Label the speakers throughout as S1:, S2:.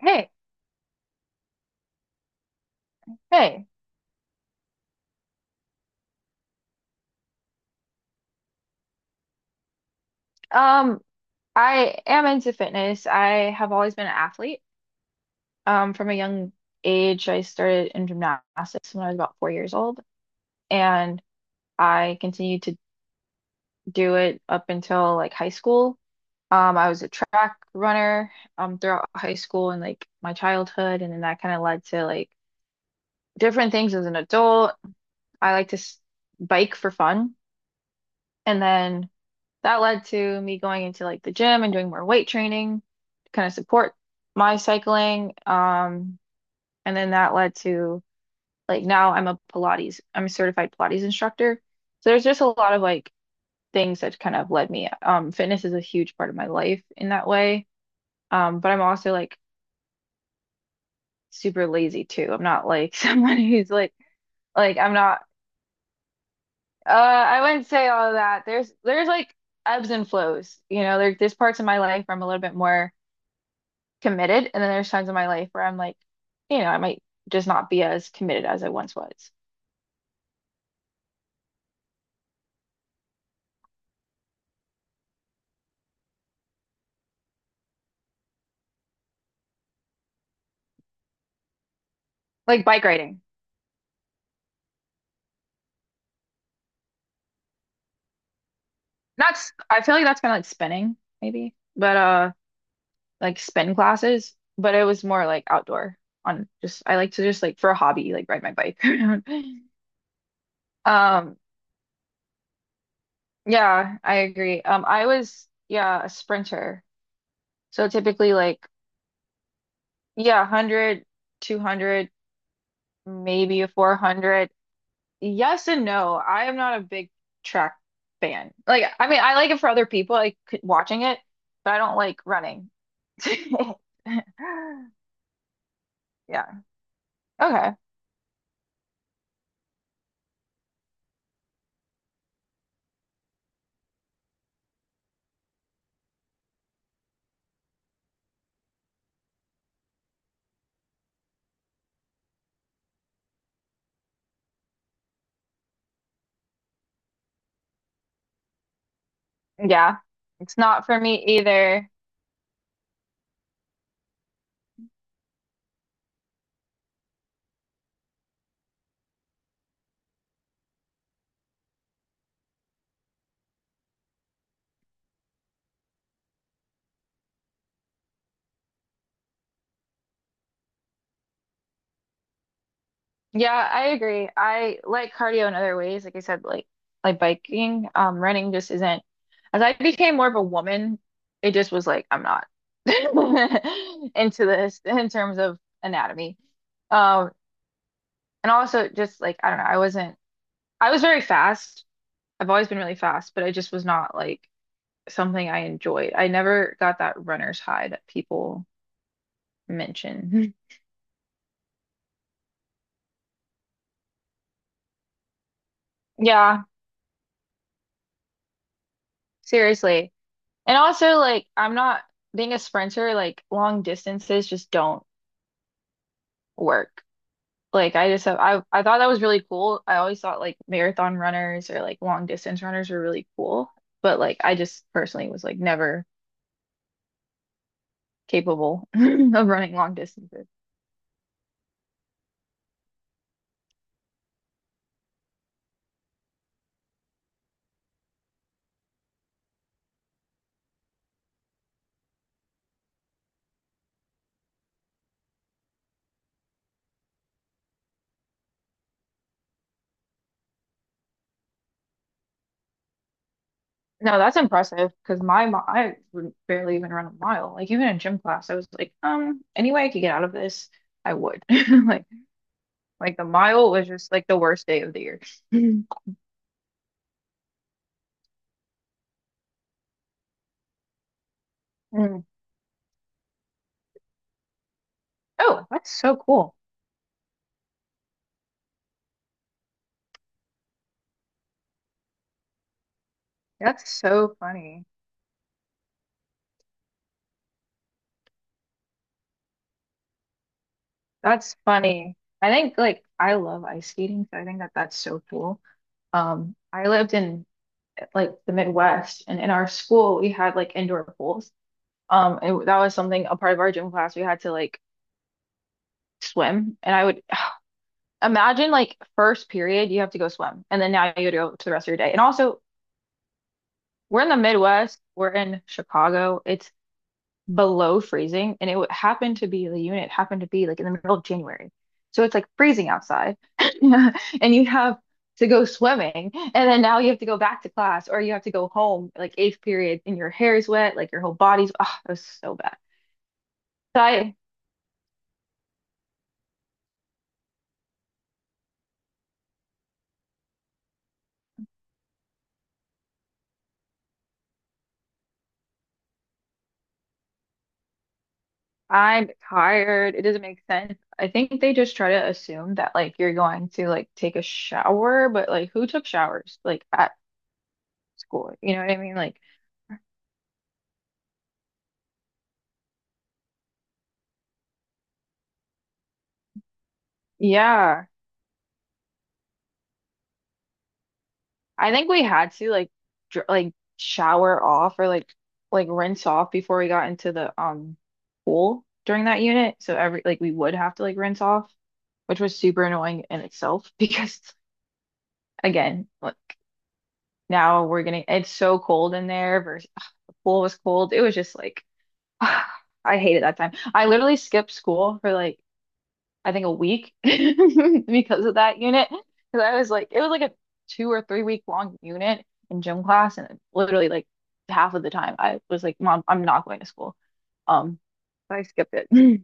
S1: Hey, hey. Um, I am into fitness. I have always been an athlete. From a young age, I started in gymnastics when I was about 4 years old, and I continued to do it up until like high school. I was a track runner throughout high school and like my childhood, and then that kind of led to like different things as an adult. I like to s bike for fun, and then that led to me going into like the gym and doing more weight training to kind of support my cycling. And then that led to like now I'm a certified Pilates instructor. So there's just a lot of like things that kind of led me. Fitness is a huge part of my life in that way. But I'm also like super lazy too. I'm not like someone who's like I'm not, I wouldn't say all of that. There's like ebbs and flows, you know, there's parts of my life where I'm a little bit more committed. And then there's times in my life where I'm like, you know, I might just not be as committed as I once was. Like bike riding. That's I feel like that's kind of like spinning, maybe, but like spin classes. But it was more like outdoor on just, I like to just like for a hobby, like ride my bike around. Um, yeah, I agree. I was, yeah, a sprinter. So typically like, yeah, 100, 200, maybe a 400. Yes and no. I am not a big track fan. Like, I mean, I like it for other people, like watching it, but I don't like running. Yeah. Okay. Yeah. It's not for me either. Yeah, I agree. I like cardio in other ways. Like I said, like biking, running just isn't. As I became more of a woman, it just was like I'm not into this in terms of anatomy. Um, and also just like I don't know, I wasn't. I was very fast. I've always been really fast, but I just was not like something I enjoyed. I never got that runner's high that people mention. Yeah, seriously. And also, like, I'm not being a sprinter, like, long distances just don't work. Like, I just have, I thought that was really cool. I always thought like marathon runners or like long distance runners were really cool. But like, I just personally was like never capable of running long distances. No, that's impressive because I would barely even run a mile. Like even in gym class, I was like, any way I could get out of this, I would. Like like the mile was just like the worst day of the year. Mm. Oh, that's so cool. That's so funny. That's funny. I think like I love ice skating, so I think that that's so cool. I lived in like the Midwest, and in our school we had like indoor pools. And that was something a part of our gym class we had to like swim, and I would imagine like first period, you have to go swim, and then now you have to go to the rest of your day. And also, we're in the Midwest, we're in Chicago, it's below freezing, and it would happen to be the unit happened to be like in the middle of January. So it's like freezing outside, and you have to go swimming, and then now you have to go back to class or you have to go home like eighth period, and your hair is wet, like your whole body's, oh, it was so bad. So I I'm tired. It doesn't make sense. I think they just try to assume that like you're going to like take a shower, but like who took showers like at school? You know what I mean? Like, yeah, I think we had to like dr like shower off or like rinse off before we got into the pool during that unit. So every like we would have to like rinse off, which was super annoying in itself because again, like now we're getting it's so cold in there versus pool was cold. It was just like I hated that time. I literally skipped school for like I think a week because of that unit. Because I was like, it was like a 2 or 3 week long unit in gym class, and literally like half of the time I was like, Mom, I'm not going to school. Um, so I skipped it.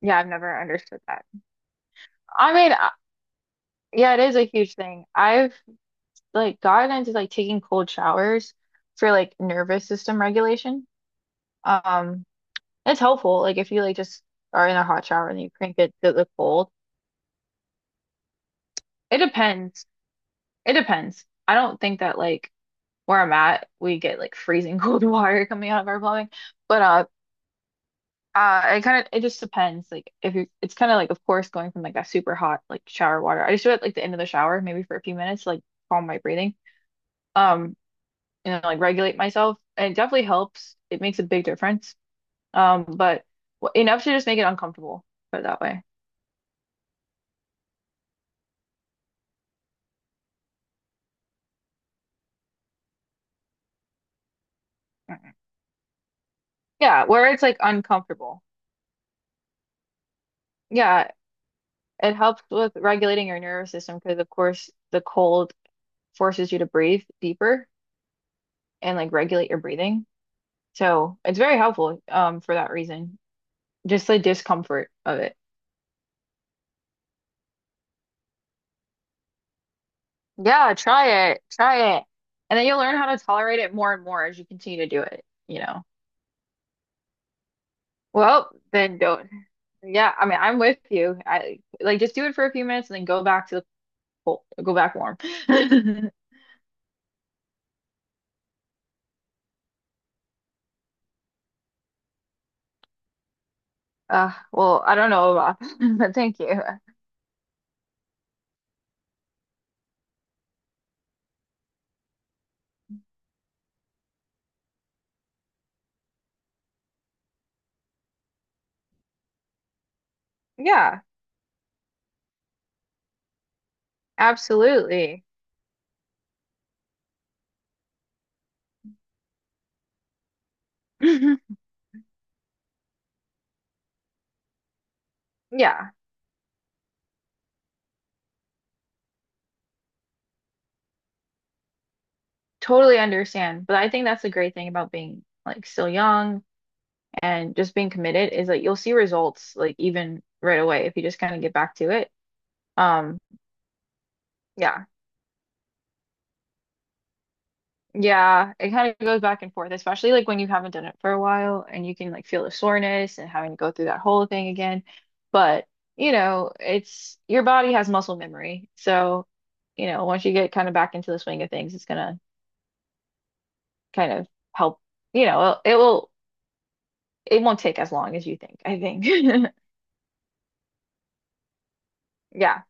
S1: Yeah, I've never understood that. I mean, yeah, it is a huge thing. I've like gotten into like taking cold showers for like nervous system regulation. Um, It's helpful. Like if you like just are in a hot shower and you crank it to the cold. It depends. It depends. I don't think that like where I'm at, we get like freezing cold water coming out of our plumbing. But it kind of it just depends. Like if you it's kind of like of course going from like that super hot like shower water. I just do it like the end of the shower, maybe for a few minutes, to, like calm my breathing. Um, you know, like regulate myself. And it definitely helps. It makes a big difference. But enough to just make it uncomfortable, put it that way. Yeah, where it's like uncomfortable. Yeah, it helps with regulating your nervous system because, of course, the cold forces you to breathe deeper and like regulate your breathing. So it's very helpful for that reason. Just the discomfort of it. Yeah, try it. Try it. And then you'll learn how to tolerate it more and more as you continue to do it, you know. Well, then don't. Yeah, I mean, I'm with you. I like just do it for a few minutes and then go back to the cold, go back warm. Well, I don't know about that, but thank you. Yeah, absolutely. Yeah, totally understand. But I think that's the great thing about being like still young and just being committed is like you'll see results like even right away if you just kind of get back to it. Um, yeah. Yeah, it kind of goes back and forth, especially like when you haven't done it for a while and you can like feel the soreness and having to go through that whole thing again. But, you know, it's your body has muscle memory. So, you know, once you get kind of back into the swing of things, it's gonna kind of help, you know, it won't take as long as you think, I think. Yeah.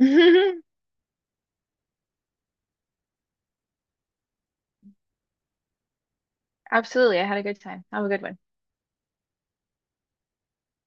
S1: Absolutely. I had a good time. Have a good one.